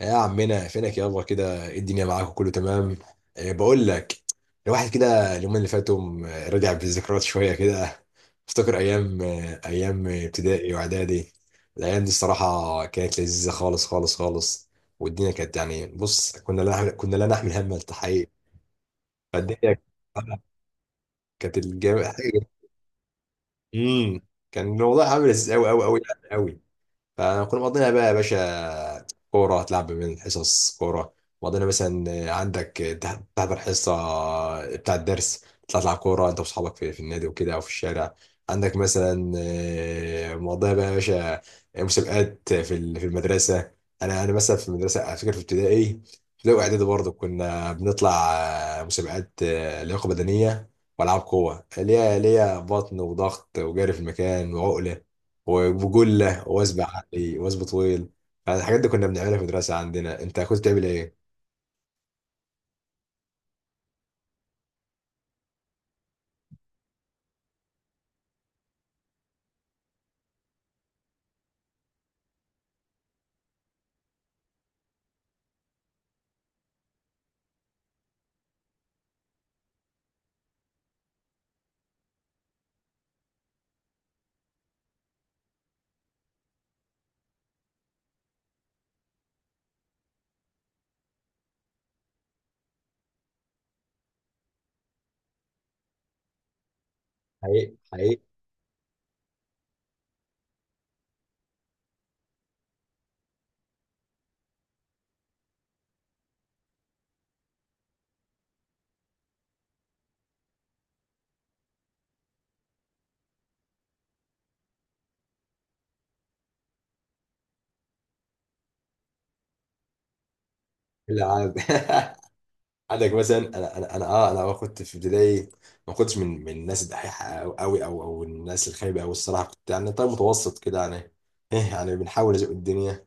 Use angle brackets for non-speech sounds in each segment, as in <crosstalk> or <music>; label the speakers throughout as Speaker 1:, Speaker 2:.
Speaker 1: يا عمنا فينك يابا كده إيه الدنيا معاك وكله تمام. إيه بقول لك، الواحد كده اليومين اللي فاتوا رجع بالذكريات شويه كده. افتكر ايام، ايام ابتدائي واعدادي. الايام دي الصراحه كانت لذيذه خالص خالص خالص، والدنيا كانت يعني بص، كنا لا نحمل هم التحقيق. فالدنيا كانت الجامعة. امم كان الموضوع عامل ازاي؟ قوي قوي قوي قوي. فانا كنا مقضينا بقى يا باشا كوره، تلعب من الحصص كوره. مقضينا مثلا، عندك تحضر حصه بتاع الدرس، تطلع تلعب كوره انت واصحابك في النادي وكده، او في الشارع. عندك مثلا، مقضيها بقى يا باشا مسابقات في في المدرسه. انا مثلا في المدرسه، على فكره، في ابتدائي، في الاول اعدادي برضه كنا بنطلع مسابقات، لياقه بدنيه، والعاب قوه، اللي هي اللي هي بطن وضغط وجري في المكان وعقله وجله، وثب عقلي، وثب طويل. الحاجات دي كنا بنعملها في المدرسه عندنا. انت كنت بتعمل ايه؟ حقيقي حقيقي. العاب. <laughs> عندك مثلا، انا كنت في ابتدائي ما كنتش من الناس الدحيحه قوي، او الناس الخايبه، او الصراحه كنت يعني طيب، متوسط كده يعني. ايه يعني، بنحاول نزق الدنيا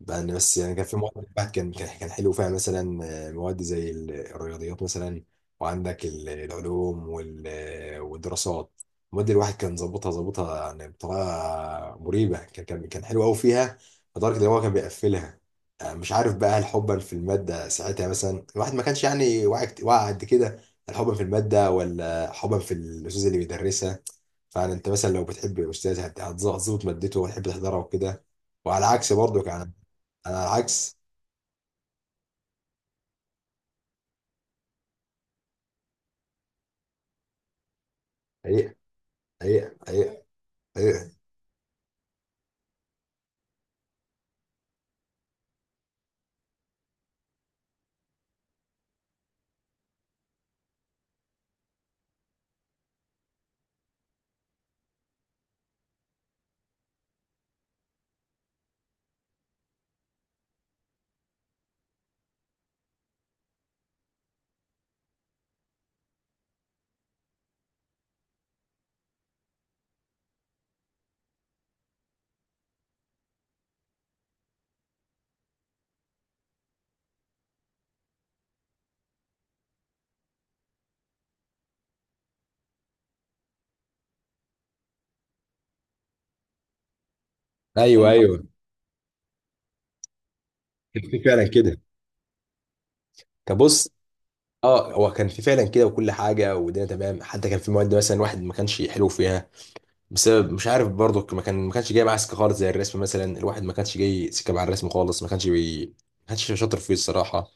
Speaker 1: بقى. أنا بس يعني كان في مواد البحث كان حلو فيها، مثلا مواد زي الرياضيات مثلا، وعندك العلوم والدراسات. المواد الواحد كان ظابطها يعني بطريقه مريبه، كان حلو قوي فيها، لدرجه ان هو كان بيقفلها. مش عارف بقى، هل حبا في الماده ساعتها؟ مثلا الواحد ما كانش يعني واعي، واعي قد كده. هل حبا في الماده، ولا حبا في الاستاذ اللي بيدرسها؟ فعلا انت مثلا لو بتحب الاستاذ هتظبط مادته وتحب تحضرها وكده، وعلى عكس برضو انا العكس. حقيقة حقيقة حقيقة. حقيقة. ايوه ايوه كان في فعلا كده. طب بص، اه هو كان في فعلا كده، وكل حاجه والدنيا تمام. حتى كان في مواد مثلا واحد ما كانش حلو فيها، بسبب مش عارف برضه، ما كانش جاي معاه سكه خالص، زي الرسم مثلا. الواحد ما كانش جاي سكه مع الرسم خالص، ما كانش ما كانش شاطر فيه الصراحه.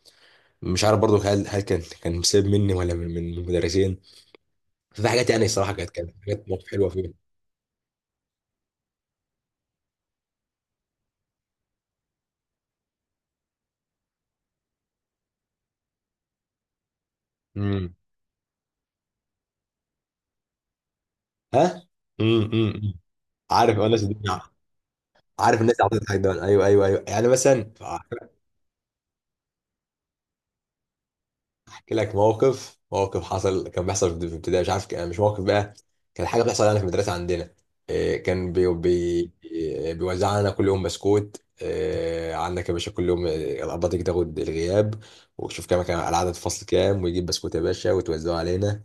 Speaker 1: مش عارف برضه، هل كان بسبب مني، ولا من المدرسين. ففي حاجات يعني الصراحه كانت كانت حاجات مواقف حلوه فيها. امم ها. امم امم عارف انا. عارف، الناس عاطفة تضحك دايما، ايوه ايوه ايوه، يعني مثلا. احكي لك موقف، موقف حصل كان بيحصل في ابتدائي، مش عارف مش موقف بقى، كان حاجه بتحصل يعني في المدرسه عندنا. إيه، كان بي بي بيوزع لنا كل يوم بسكوت. إيه، عندك يا باشا كل يوم، إيه، الابله تيجي تاخد الغياب وتشوف كام كان العدد في الفصل كام، ويجيب بسكوت يا باشا وتوزعه علينا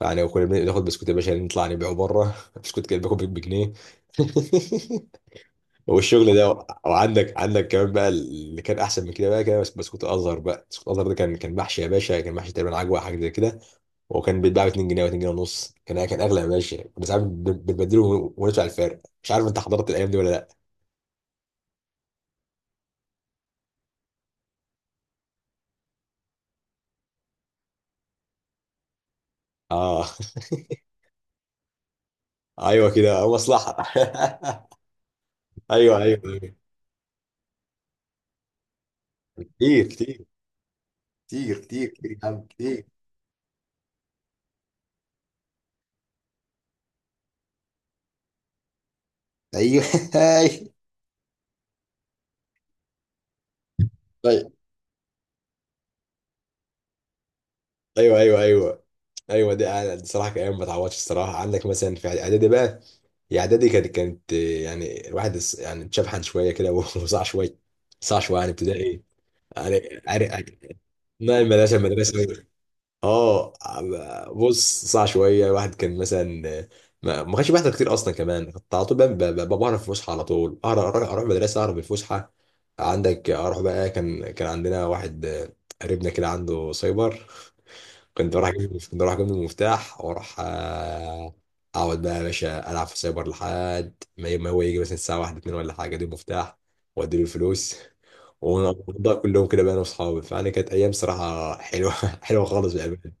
Speaker 1: يعني، وكنا بناخد بسكوت يا باشا نطلع نبيعه بره <laughs> بسكوت كده باكل بجنيه <laughs> والشغل ده. وعندك عندك كمان بقى اللي كان احسن من كده بقى، كده بس بسكوت ازهر. بقى بسكوت ازهر ده كان محشي يا باشا، كان محشي تقريبا عجوه، حاجه زي كده، وكان بيتباع ب 2 جنيه و 2 جنيه ونص. كان اغلى يا باشا، كنا ساعات بنبدله وندفع الفرق. مش عارف انت حضرت الايام دي ولا لا؟ اه <laughs> ايوه كده، مصلحه <laughs> ايوه ايوه أيوة. كتير كتير. كتير كتير كتير يا عم، كتير. ايوه <laughs> طيب. ايوه ايوه ايوه. ايوه ده، دي صراحه كان ايام ما تعوضش الصراحه. عندك مثلا في اعدادي بقى، هي اعدادي كانت يعني الواحد يعني اتشبحن شويه كده <laughs> وصاع شويه، صاع شويه عن ابتدائي. يعني عارف، ما المدرسه، اه. بص، صاع شويه الواحد كان مثلا ما كانش بيحضر كتير اصلا كمان، كنت على طول بقى بهرب في الفسحه، على طول اهرب، اروح المدرسه اهرب من الفسحه. عندك، اروح بقى، كان عندنا واحد قريبنا كده عنده سايبر، كنت بروح اجيب المفتاح واروح، اقعد بقى يا باشا العب في سايبر لحد ما ما هو يجي مثلا الساعه 1 2 ولا حاجه، اديله المفتاح واديله الفلوس، ونقضيها كلهم كده بقى انا واصحابي. فانا كانت ايام صراحه حلوه <laughs> حلوه خالص بامانه.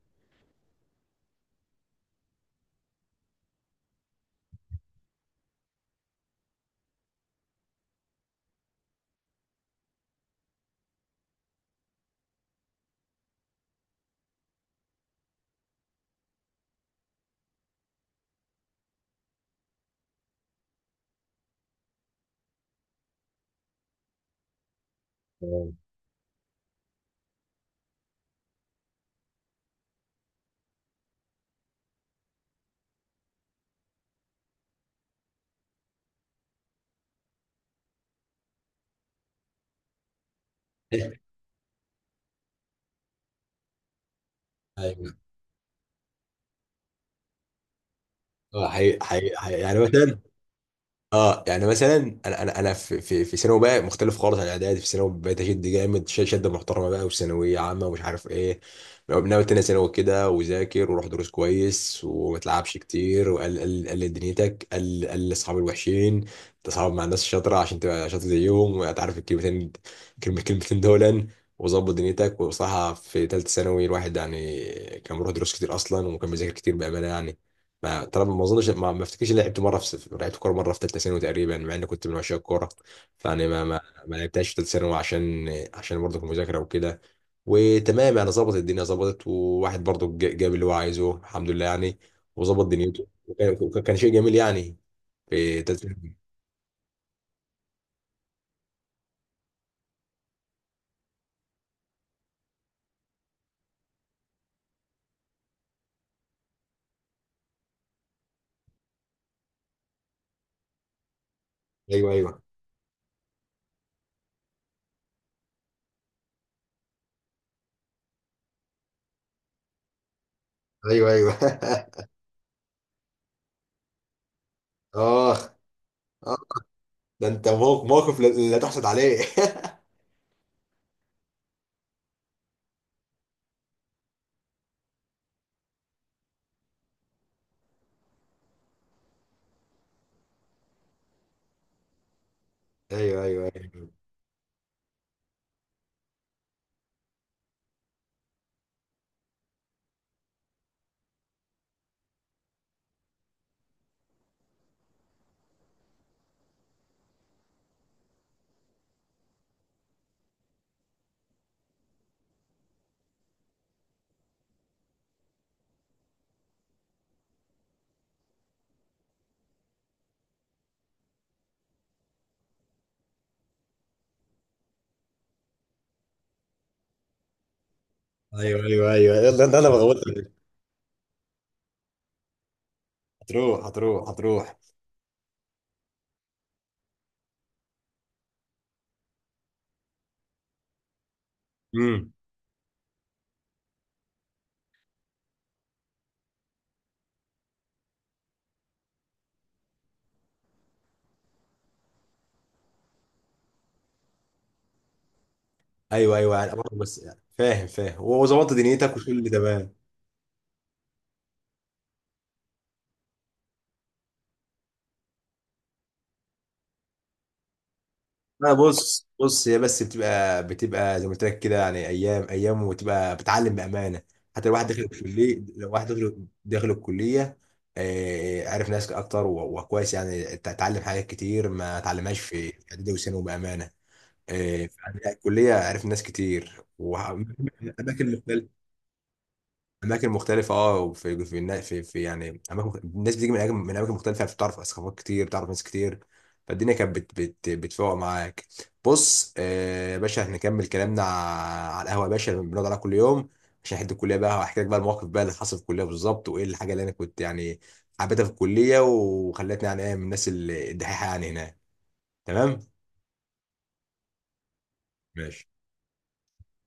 Speaker 1: آه. <laughs> أيوة. حقيقي. يعني مثلا، اه يعني مثلا انا في ثانوي بقى مختلف خالص عن اعدادي. في ثانوي بقيت اشد جامد، شده محترمه بقى، وثانويه عامه ومش عارف ايه. ناوي تاني ثانوي كده، وذاكر، وروح دروس كويس، وما تلعبش كتير، وقل قل قل دنيتك، قل قل اصحاب الوحشين، تصاحب مع الناس الشاطره عشان تبقى شاطر زيهم، وتعرف الكلمتين، كلمه كلمتين دولا، وظبط دنيتك. وصراحه في ثالثه ثانوي الواحد يعني كان بيروح دروس كتير اصلا، وكان بيذاكر كتير بامانه يعني. ما ترى، ما اظنش ما افتكرش إني لعبت مره في لعبت كوره مره في ثالثه ثانوي تقريبا، مع اني كنت من عشاق الكوره. فانا ما لعبتهاش في ثالثه ثانوي، عشان عشان برضه المذاكره وكده، وتمام يعني ظبطت الدنيا ظبطت. وواحد برضه جاب اللي هو عايزه، الحمد لله يعني، وظبط دنيته. وكان شيء جميل يعني، في ثالثه ثانوي. ايوه ايوه ايوه. ايوه <laughs> اخ. آه. ده انت موقف لا لا تحسد عليه <laughs> ايوه ايوه ايوه. ايوه ايوه ايوه، يلا ده انا بغوط. هتروح هتروح هتروح. مم. ايوه ايوه، يعني برضه بس يعني فاهم فاهم، وظبطت دنيتك وكل اللي تمام. انا بص بص، هي بس بتبقى، بتبقى زي ما قلت لك كده يعني، ايام ايام، وتبقى بتعلم بامانه. حتى الواحد داخل الكليه، لو واحد داخل، داخل الكليه، عارف ناس اكتر وكويس، يعني اتعلم حاجات كتير ما اتعلمهاش في اعدادي وثانوي بامانه. فعلا الكليه عرفت ناس كتير، واماكن مختلفه، اماكن مختلفه. اه وفي في في يعني اماكن الناس بتيجي من اماكن، من اماكن مختلفه، يعني بتعرف ثقافات كتير، بتعرف ناس كتير. فالدنيا كانت بت بت بتفوق معاك. بص، يا باشا هنكمل كلامنا على القهوه يا باشا اللي بنقعد عليها كل يوم، عشان حد الكليه بقى. وهحكي لك بقى المواقف بقى اللي حصل في الكليه بالظبط، وايه الحاجه اللي انا كنت يعني حبيتها في الكليه، وخلتني يعني ايه، من الناس الدحيحه يعني هناك. تمام. ماشي.